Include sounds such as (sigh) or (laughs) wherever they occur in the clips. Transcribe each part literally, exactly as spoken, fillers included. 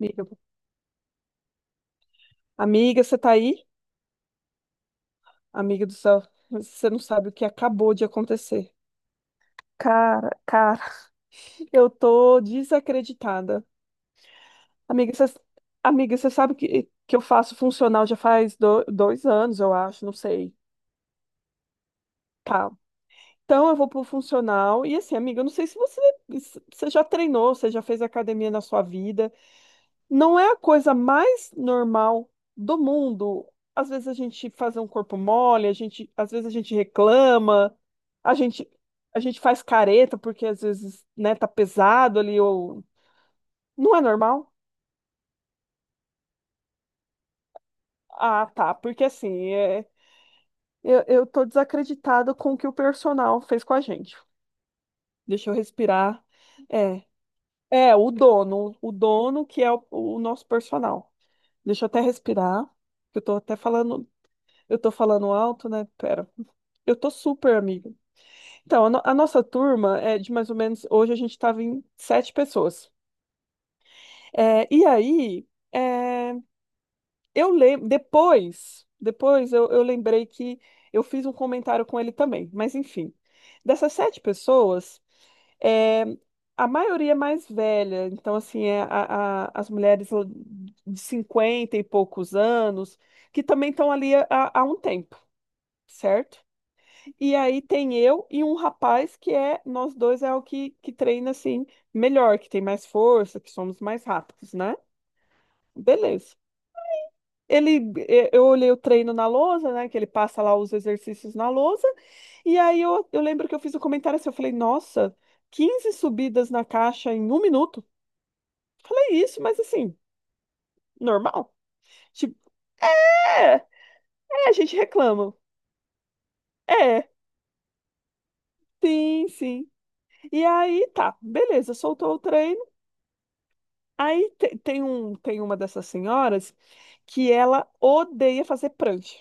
Amiga, amiga, você tá aí? Amiga do céu, você não sabe o que acabou de acontecer. Cara, cara, (laughs) Eu tô desacreditada. Amiga, você, amiga, você sabe que, que eu faço funcional já faz do- dois anos, eu acho, não sei. Tá. Então eu vou pro funcional. E assim, amiga, eu não sei se você, se- você já treinou, você já fez academia na sua vida. Não é a coisa mais normal do mundo. Às vezes a gente faz um corpo mole, a gente, às vezes a gente reclama, a gente, a gente faz careta porque às vezes, né, tá pesado ali ou não é normal? Ah, tá, porque assim, é, eu, eu tô desacreditada com o que o personal fez com a gente. Deixa eu respirar. É, é o dono, o dono que é o, o nosso personal. Deixa eu até respirar, que eu tô até falando, eu tô falando alto, né? Pera. Eu tô super amiga. Então, a, no- a nossa turma é de mais ou menos. Hoje a gente tava em sete pessoas. É, e aí, é, eu lembro. Depois, depois eu, eu lembrei que eu fiz um comentário com ele também. Mas enfim, dessas sete pessoas, é, a maioria é mais velha. Então, assim, é a- a- as mulheres l- de cinquenta e poucos anos, que também estão ali há há um tempo, certo? E aí tem eu e um rapaz que é, nós dois é o que, que treina assim melhor, que tem mais força, que somos mais rápidos, né? Beleza. Ele, eh, eu olhei o treino na lousa, né? Que ele passa lá os exercícios na lousa. E aí eu, eu lembro que eu fiz um comentário assim, eu falei, nossa, quinze subidas na caixa em um minuto. Falei isso, mas assim, normal. Tipo, é, é, a gente reclama. É, sim, sim. E aí tá, beleza, soltou o treino. Aí te- tem um, tem uma dessas senhoras que ela odeia fazer prancha,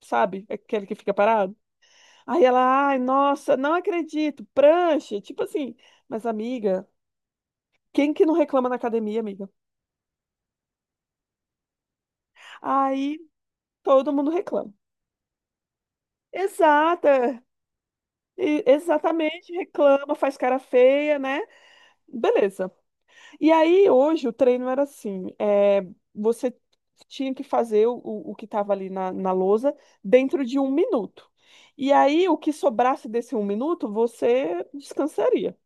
sabe? Aquele que fica parado. Aí ela, ai, nossa, não acredito, prancha, tipo assim. Mas amiga, quem que não reclama na academia, amiga? Aí todo mundo reclama. Exata, e- exatamente, reclama, faz cara feia, né? Beleza. E aí, hoje, o treino era assim: é, você tinha que fazer o, o o que estava ali na, na lousa dentro de um minuto. E aí, o que sobrasse desse um minuto, você descansaria.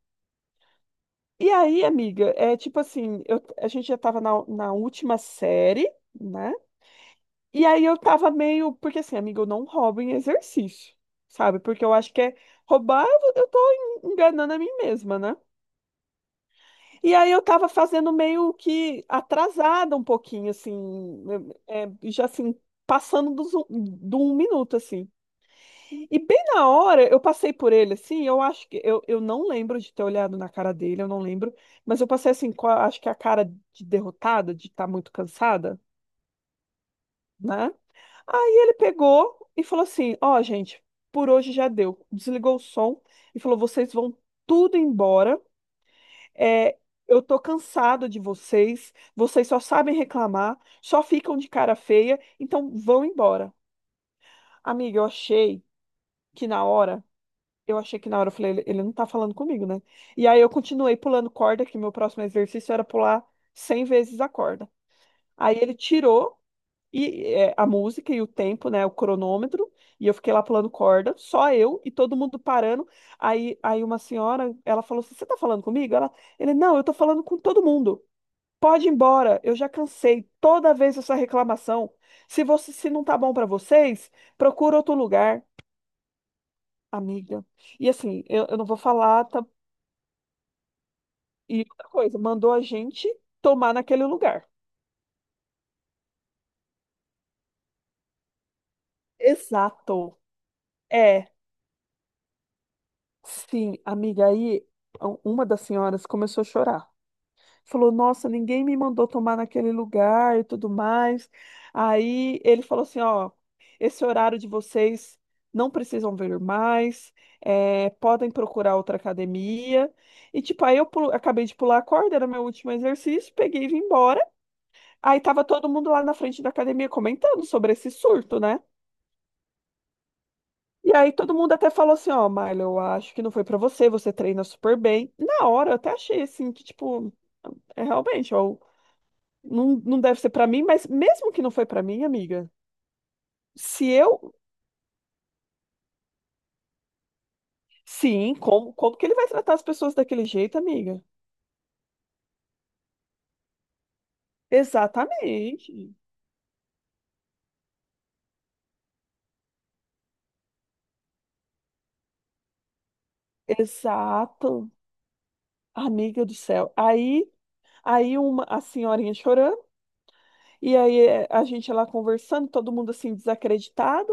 E aí, amiga, é tipo assim: eu- a gente já estava na, na última série, né? E aí eu tava meio. Porque assim, amiga, eu não roubo em exercício, sabe? Porque eu acho que é roubar, eu eu tô en- enganando a mim mesma, né? E aí eu estava fazendo meio que atrasada um pouquinho, assim, é, é, já assim, passando dos um- do um minuto, assim. E bem na hora eu passei por ele, assim, eu acho que, eu, eu não lembro de ter olhado na cara dele, eu não lembro, mas eu passei assim, com a- acho que a cara de derrotada, de estar muito cansada, né? Aí ele pegou e falou assim, ó, gente, por hoje já deu. Desligou o som e falou, vocês vão tudo embora, é, eu tô cansado de vocês, vocês só sabem reclamar, só ficam de cara feia, então vão embora. Amiga, eu achei que na hora, eu achei que na hora eu falei, ele ele não tá falando comigo, né? E aí eu continuei pulando corda, que meu próximo exercício era pular cem vezes a corda. Aí ele tirou e é, a música e o tempo, né, o cronômetro, e eu fiquei lá pulando corda, só eu e todo mundo parando. Aí, aí uma senhora, ela falou assim: "Você tá falando comigo?" Ela, ele, não, eu tô falando com todo mundo. Pode ir embora, eu já cansei toda vez essa reclamação. Se você, se não tá bom para vocês, procura outro lugar, amiga. E assim, eu, eu não vou falar, tá- E outra coisa, mandou a gente tomar naquele lugar. Exato. É, sim, amiga, aí um- uma das senhoras começou a chorar. Falou, nossa, ninguém me mandou tomar naquele lugar e tudo mais. Aí ele falou assim: ó, esse horário de vocês não precisam vir mais, é, podem procurar outra academia. E tipo, aí eu pu- acabei de pular a corda, era meu último exercício, peguei e vim embora. Aí tava todo mundo lá na frente da academia comentando sobre esse surto, né? E aí todo mundo até falou assim: ó, Marla, eu acho que não foi pra você, você treina super bem. Na hora eu até achei assim que, tipo, é realmente, ó. Não, não deve ser pra mim, mas mesmo que não foi pra mim, amiga, se eu. Sim, como, como que ele vai tratar as pessoas daquele jeito, amiga? Exatamente. Exato. Amiga do céu. Aí, aí uma, a senhorinha chorando, e aí eh, a gente lá conversando, todo mundo assim desacreditado.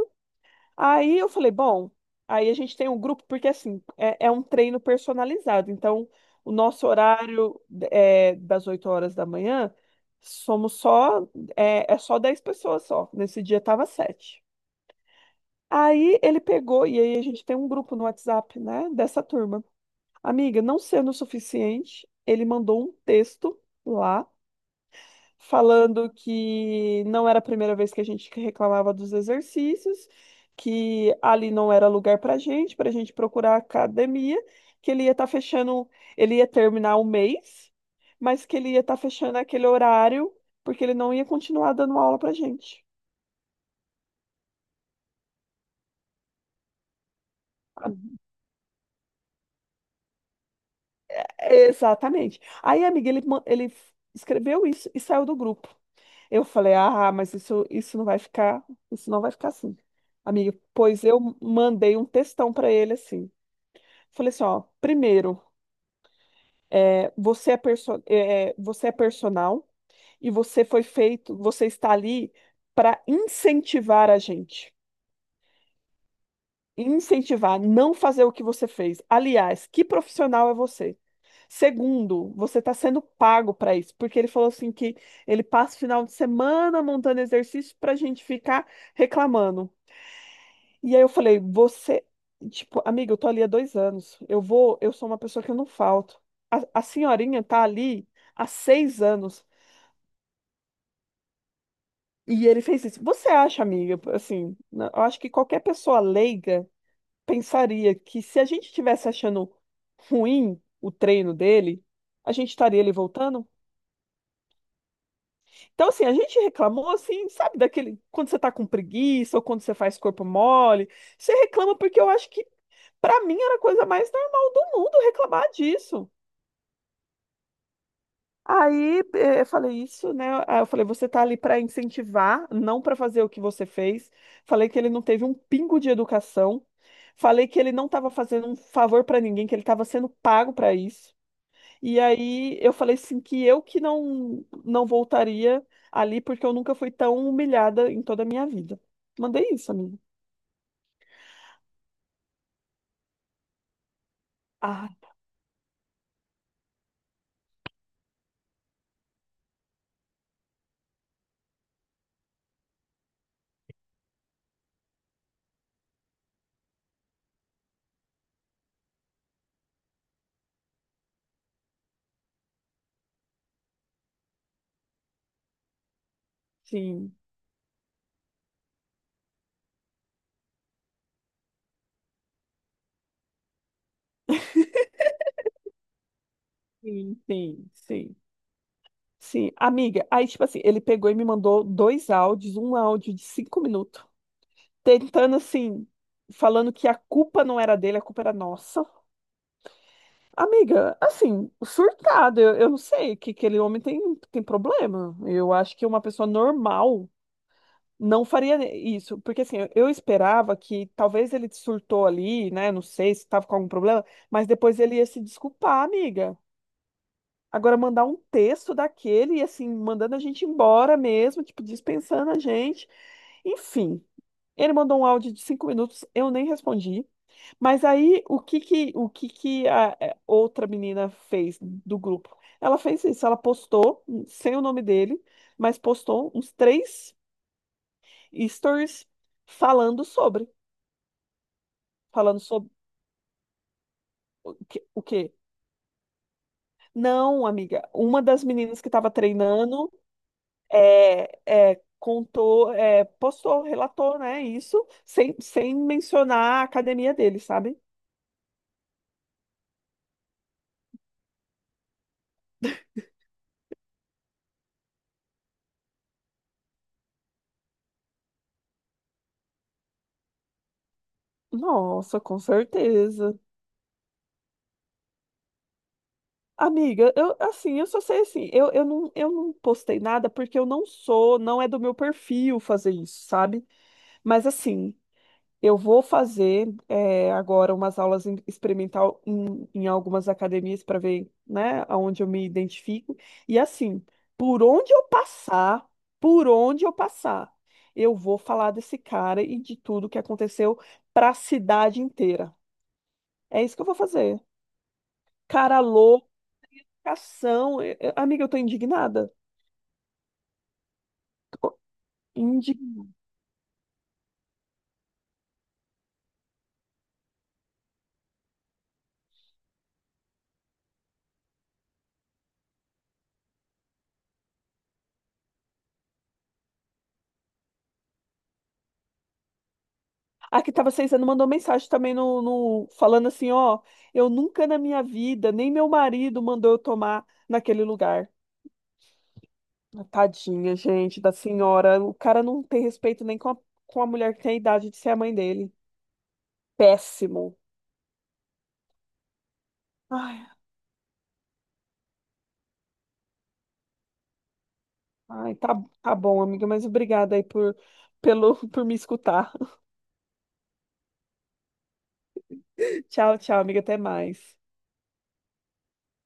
Aí eu falei, bom, aí a gente tem um grupo, porque assim, é, é um treino personalizado. Então, o nosso horário é das oito horas da manhã, somos só, é, é só dez pessoas só. Nesse dia tava sete. Aí ele pegou, e aí a gente tem um grupo no WhatsApp, né, dessa turma. Amiga, não sendo o suficiente, ele mandou um texto lá falando que não era a primeira vez que a gente reclamava dos exercícios, que ali não era lugar para gente, para a gente procurar academia, que ele ia estar fechando, ele ia terminar o mês, mas que ele ia estar fechando aquele horário, porque ele não ia continuar dando aula para gente. Exatamente. Aí, amiga, ele, ma- ele escreveu isso e saiu do grupo. Eu falei, ah, mas isso, isso não vai ficar, isso não vai ficar assim. Amiga, pois eu mandei um textão para ele assim. Falei assim, ó, primeiro, é, você é, perso é, é, você é personal e você foi feito, você está ali para incentivar a gente. Incentivar, não fazer o que você fez. Aliás, que profissional é você? Segundo, você está sendo pago para isso, porque ele falou assim que ele passa o final de semana montando exercício para a gente ficar reclamando. E aí eu falei, você, tipo, amiga, eu tô ali há dois anos. Eu vou, eu sou uma pessoa que eu não falto. A, a senhorinha tá ali há seis anos. E ele fez isso. Você acha, amiga, assim, na- eu acho que qualquer pessoa leiga pensaria que se a gente estivesse achando ruim o treino dele, a gente estaria ali voltando? Então, assim, a gente reclamou, assim, sabe, daquele, quando você tá com preguiça ou quando você faz corpo mole, você reclama porque eu acho que para mim era a coisa mais normal do mundo reclamar disso. Aí eh, eu falei isso, né? Aí eu falei, você tá ali para incentivar, não para fazer o que você fez. Falei que ele não teve um pingo de educação. Falei que ele não estava fazendo um favor para ninguém, que ele estava sendo pago para isso. E aí eu falei assim que eu que não não voltaria ali porque eu nunca fui tão humilhada em toda a minha vida. Mandei isso, amigo. Ah, sim, sim, sim, sim. Sim, amiga. Aí, tipo assim, ele pegou e me mandou dois áudios, um áudio de cinco minutos, tentando assim, falando que a culpa não era dele, a culpa era nossa. Amiga, assim, surtado, eu, eu não sei, que aquele homem tem, tem problema. Eu acho que uma pessoa normal não faria isso, porque assim, eu, eu esperava que talvez ele surtou ali, né? Não sei se estava com algum problema, mas depois ele ia se desculpar, amiga. Agora, mandar um texto daquele, e assim, mandando a gente embora mesmo, tipo, dispensando a gente. Enfim, ele mandou um áudio de cinco minutos, eu nem respondi. Mas aí, o que que, o que que a é, outra menina fez do grupo? Ela fez isso, ela postou, hum, sem o nome dele, mas postou uns três stories falando sobre, falando sobre o que, o quê? Não, amiga, uma das meninas que estava treinando é, é, contou, é, postou, relatou, né? Isso sem, sem mencionar a academia dele, sabe? Nossa, com certeza. Amiga, eu assim, eu só sei assim, eu, eu não, eu não postei nada porque eu não sou, não é do meu perfil fazer isso, sabe? Mas assim, eu vou fazer eh, agora umas aulas em- experimental em, em algumas academias para ver, né, aonde eu me identifico. E assim, por onde eu passar, por onde eu passar, eu vou falar desse cara e de tudo que aconteceu para a cidade inteira. É isso que eu vou fazer. Cara loucação. Eh, eh, Amiga, eu tô indignada. Tô. A que estava seis anos mandou mensagem também no, no- falando assim, ó, eu nunca na minha vida, nem meu marido mandou eu tomar naquele lugar. Ah, tadinha, gente, da senhora. O cara não tem respeito nem com a, com a mulher que tem a idade de ser a mãe dele. Péssimo. Ai, ai, tá, tá bom, amiga, mas obrigada aí por, pelo, (laughs) por me escutar. Tchau, tchau, amiga, até mais.